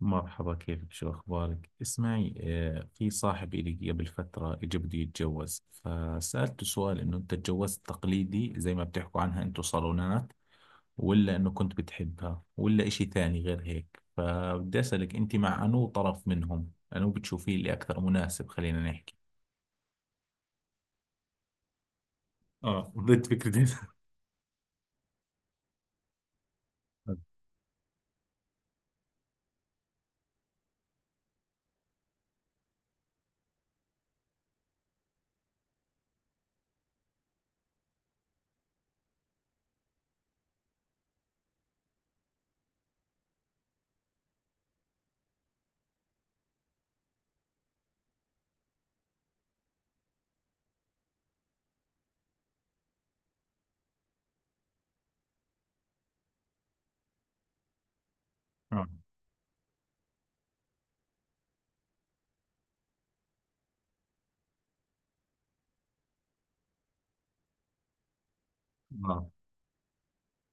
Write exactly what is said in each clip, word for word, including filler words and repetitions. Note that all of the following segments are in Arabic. مرحبا، كيفك؟ شو أخبارك؟ اسمعي، آه، في صاحب إلي قبل فترة إجا بده يتجوز، فسألته سؤال إنه أنت تجوزت تقليدي زي ما بتحكوا عنها أنتوا، صالونات، ولا إنه كنت بتحبها، ولا إشي ثاني غير هيك. فبدي أسألك أنت مع أنو طرف منهم أنو بتشوفيه اللي أكثر مناسب، خلينا نحكي. اه، ضد فكرة ال- آه. آه.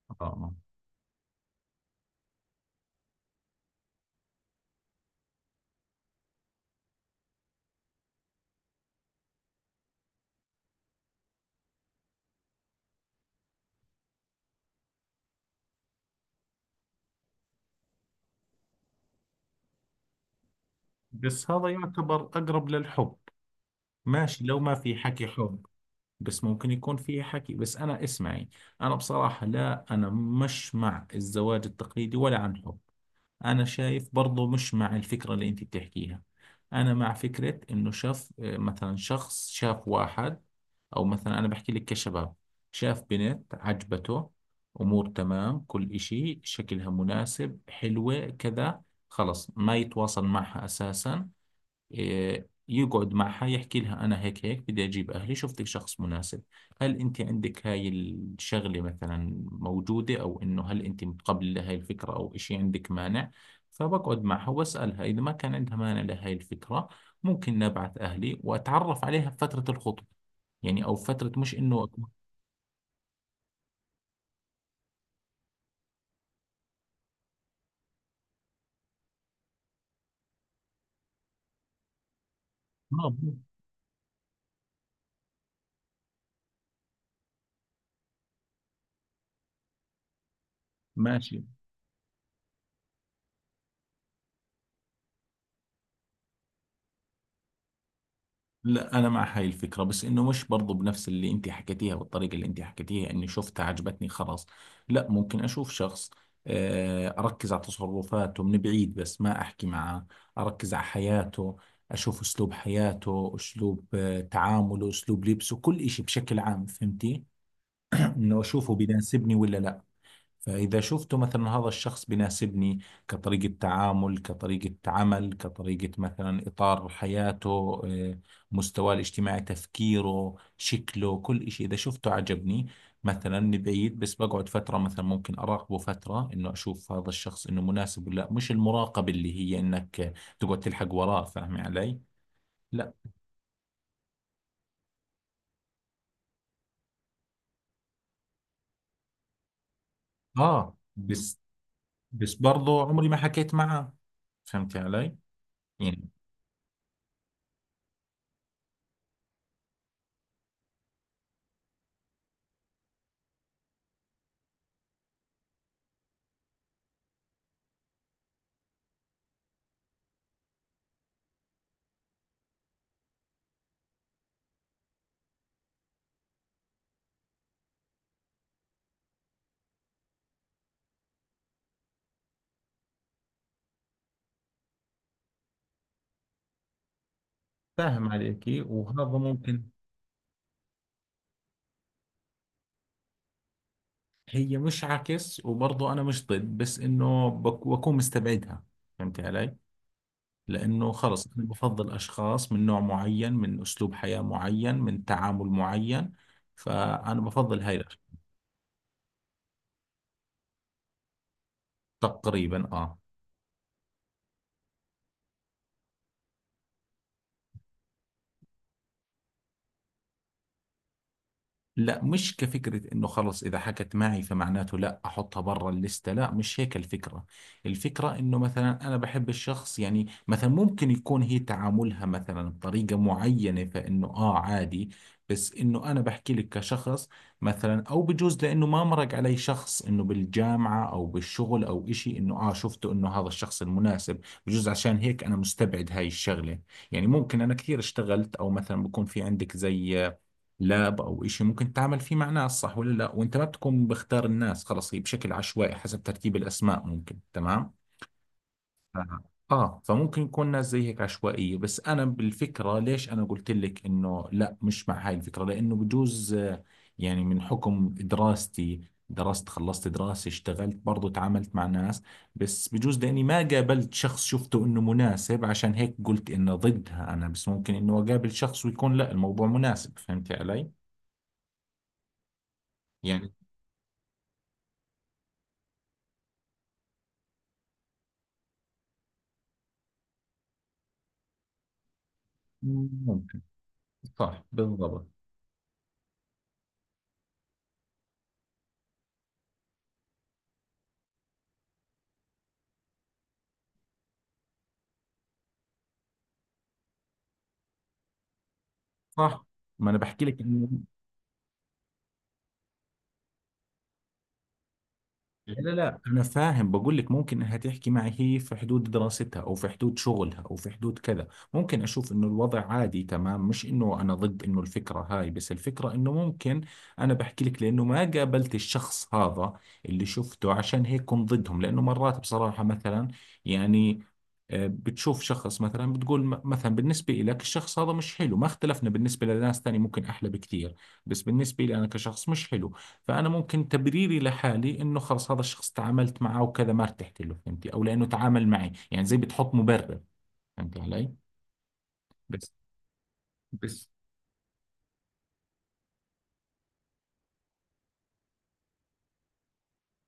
آه. آه. بس هذا يعتبر أقرب للحب، ماشي لو ما في حكي حب. بس ممكن يكون فيه حكي. بس أنا اسمعي، أنا بصراحة لا أنا مش مع الزواج التقليدي ولا عن حب. أنا شايف برضو مش مع الفكرة اللي أنت بتحكيها. أنا مع فكرة إنه شاف، آه، مثلا شخص شاف واحد، أو مثلا أنا بحكي لك كشباب، شاف بنت عجبته، أمور تمام، كل إشي شكلها مناسب، حلوة كذا. خلص، ما يتواصل معها أساسا. آه، يقعد معها يحكي لها أنا هيك هيك بدي أجيب أهلي، شفتك شخص مناسب، هل أنت عندك هاي الشغلة مثلا موجودة، أو إنه هل أنت متقبلة لهاي الفكرة، أو إشي عندك مانع. فبقعد معها وأسألها إذا ما كان عندها مانع لهاي الفكرة، ممكن نبعث أهلي وأتعرف عليها بفترة الخطوة، يعني أو فترة مش إنه أكون، آه، ماشي. لا، انا مع هاي الفكره، بس انه مش برضو بنفس اللي انت حكيتيها، والطريقه اللي انت حكيتيها اني شفتها عجبتني خلاص، لا. ممكن اشوف شخص، آه، اركز على تصرفاته من بعيد بس ما احكي معه، اركز على حياته، اشوف اسلوب حياته، اسلوب آه، تعامله، اسلوب لبسه، كل اشي بشكل عام، فهمتي؟ انه اشوفه بيناسبني ولا لا. فإذا شفت مثلا هذا الشخص بيناسبني، كطريقة تعامل، كطريقة عمل، كطريقة مثلا إطار حياته، آه، مستواه الاجتماعي، تفكيره، شكله، كل إشي، إذا شفته عجبني مثلا من بعيد. بس بقعد فترة مثلا، ممكن أراقبه فترة إنه أشوف هذا الشخص إنه مناسب ولا لا. مش المراقبة اللي هي إنك تقعد تلحق وراه، فاهمي علي؟ لا. آه، بس، بس برضه عمري ما حكيت معه، فهمتي علي؟ يعني فاهم عليكي، وهذا ممكن. هي مش عكس، وبرضه انا مش ضد، بس انه بك- بكون مستبعدها، فهمت علي. لانه خلص انا بفضل اشخاص من نوع معين، من اسلوب حياة معين، من تعامل معين، فانا بفضل هاي الأشخاص. تقريبا اه. لا، مش كفكرة انه خلص اذا حكت معي فمعناته لا احطها برا الليستة، لا مش هيك الفكرة. الفكرة انه مثلا انا بحب الشخص، يعني مثلا ممكن يكون هي تعاملها مثلا بطريقة معينة، فانه اه عادي. بس انه انا بحكي لك كشخص، مثلا او بجوز لانه ما مرق علي شخص انه بالجامعة او بالشغل او اشي انه اه شفته انه هذا الشخص المناسب. بجوز عشان هيك انا مستبعد هاي الشغلة، يعني ممكن انا كثير اشتغلت، او مثلا بكون في عندك زي لاب او إشي ممكن تتعامل فيه مع ناس، صح ولا لا؟ وانت ما بتكون بختار الناس، خلص هي بشكل عشوائي حسب ترتيب الاسماء، ممكن، تمام. آه. اه، فممكن يكون ناس زي هيك عشوائية. بس انا بالفكرة، ليش انا قلت لك انه لا مش مع هاي الفكرة، لانه بجوز آه، يعني من حكم دراستي، درست، خلصت دراسة، اشتغلت، برضو تعاملت مع ناس، بس بجوز لاني ما قابلت شخص شفته انه مناسب، عشان هيك قلت انه ضدها انا. بس ممكن انه اقابل شخص ويكون لا الموضوع مناسب، فهمتي علي؟ يعني ممكن. صح بالضبط. صح، ما انا بحكي لك انه. لا لا لا، انا فاهم، بقول لك ممكن انها تحكي معي هي في حدود دراستها، او في حدود شغلها، او في حدود كذا. ممكن اشوف انه الوضع عادي تمام، مش انه انا ضد انه الفكرة هاي. بس الفكرة انه ممكن انا بحكي لك لانه ما قابلت الشخص هذا اللي شفته، عشان هيك كنت ضدهم. لانه مرات بصراحة مثلا، يعني، آه، بتشوف شخص مثلا بتقول م- مثلا بالنسبة لك الشخص هذا مش حلو، ما اختلفنا، بالنسبة لناس تاني ممكن أحلى بكثير. بس بالنسبة لي أنا كشخص مش حلو. فأنا ممكن تبريري لحالي إنه خلص هذا الشخص تعاملت معه وكذا ما ارتحت له، فهمتي؟ أو لأنه تعامل معي، يعني زي بتحط مبرر، فهمتي علي؟ بس، بس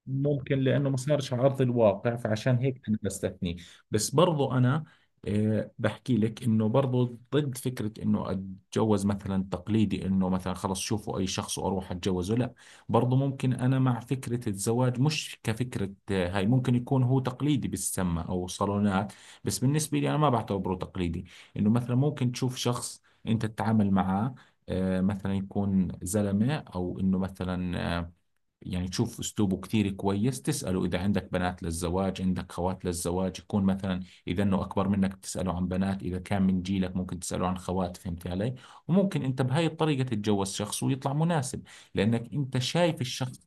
ممكن لأنه ما صارش على أرض الواقع، فعشان هيك أنا بستثنيه. بس برضو أنا، آه، بحكي لك إنه برضو ضد فكرة إنه أتجوز مثلا تقليدي، إنه مثلا خلص شوفوا أي شخص وأروح أتجوزه، لا. برضو ممكن أنا مع فكرة الزواج، مش كفكرة، آه، هاي ممكن يكون هو تقليدي بالسمة أو صالونات، بس بالنسبة لي أنا ما بعتبره تقليدي. إنه مثلا ممكن تشوف شخص أنت تتعامل معاه، آه، مثلا يكون زلمة، أو إنه مثلا، آه، يعني تشوف اسلوبه كتير كويس، تسأله اذا عندك بنات للزواج، عندك خوات للزواج، يكون مثلا اذا انه اكبر منك بتسأله عن بنات، اذا كان من جيلك ممكن تسأله عن خوات، فهمت علي. وممكن انت بهاي الطريقة تتجوز شخص ويطلع مناسب، لانك انت شايف الشخص.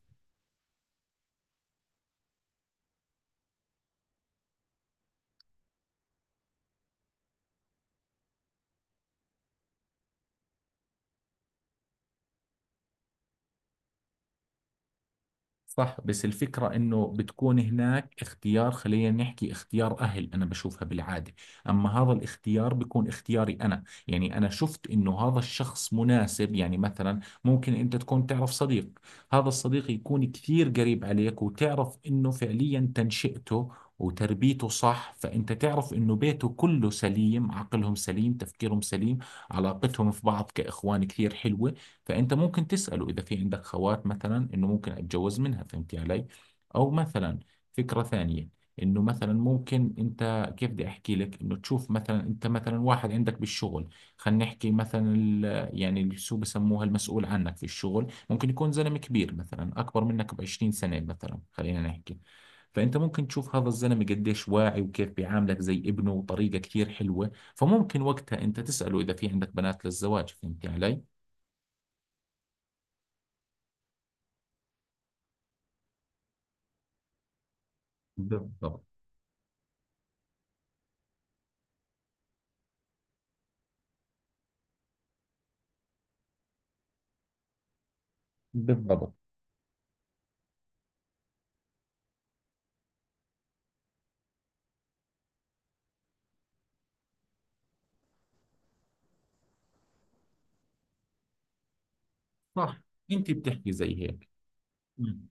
صح، بس الفكرة إنه بتكون هناك اختيار، خلينا نحكي اختيار أهل، أنا بشوفها بالعادة. أما هذا الاختيار بيكون اختياري أنا، يعني أنا شفت إنه هذا الشخص مناسب. يعني مثلا ممكن أنت تكون تعرف صديق، هذا الصديق يكون كثير قريب عليك، وتعرف إنه فعليا تنشئته وتربيته صح، فأنت تعرف إنه بيته كله سليم، عقلهم سليم، تفكيرهم سليم، علاقتهم في بعض كإخوان كثير حلوة، فانت ممكن تساله اذا في عندك خوات مثلا انه ممكن اتجوز منها، فهمتي علي. او مثلا فكره ثانيه، انه مثلا ممكن انت، كيف بدي احكي لك، انه تشوف مثلا انت مثلا واحد عندك بالشغل، خلينا نحكي مثلا ال- يعني اللي شو بسموها، المسؤول عنك في الشغل، ممكن يكون زلمه كبير، مثلا اكبر منك ب عشرين سنه مثلا، خلينا نحكي. فانت ممكن تشوف هذا الزلمه قديش واعي، وكيف بيعاملك زي ابنه، وطريقه كثير حلوه، فممكن وقتها انت تساله اذا في عندك بنات للزواج، فهمتي علي. بالضبط. بالضبط. صح، انت بتحكي زي هيك. مم.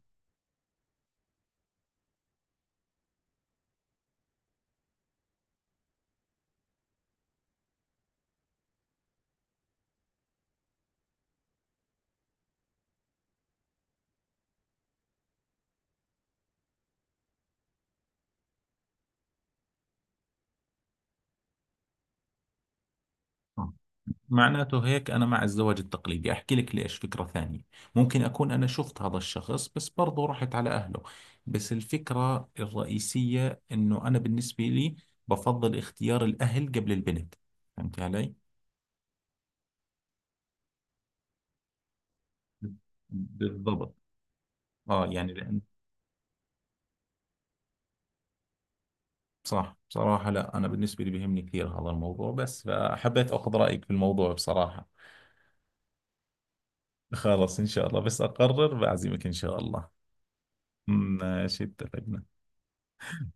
آه. معناته هيك انا مع الزواج التقليدي، احكي لك ليش. فكرة ثانية، ممكن اكون انا شفت هذا الشخص، بس برضه رحت على اهله. بس الفكرة الرئيسية انه انا بالنسبة لي بفضل اختيار الاهل قبل البنت، فهمت علي. بالضبط. اه، يعني لان. صح، بصراحة لا، انا بالنسبة لي بيهمني كثير هذا الموضوع، بس فحبيت اخذ رأيك في الموضوع بصراحة. خلاص، ان شاء الله بس اقرر بعزمك ان شاء الله. ماشي، اتفقنا.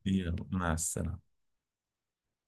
يلا، مع السلامة.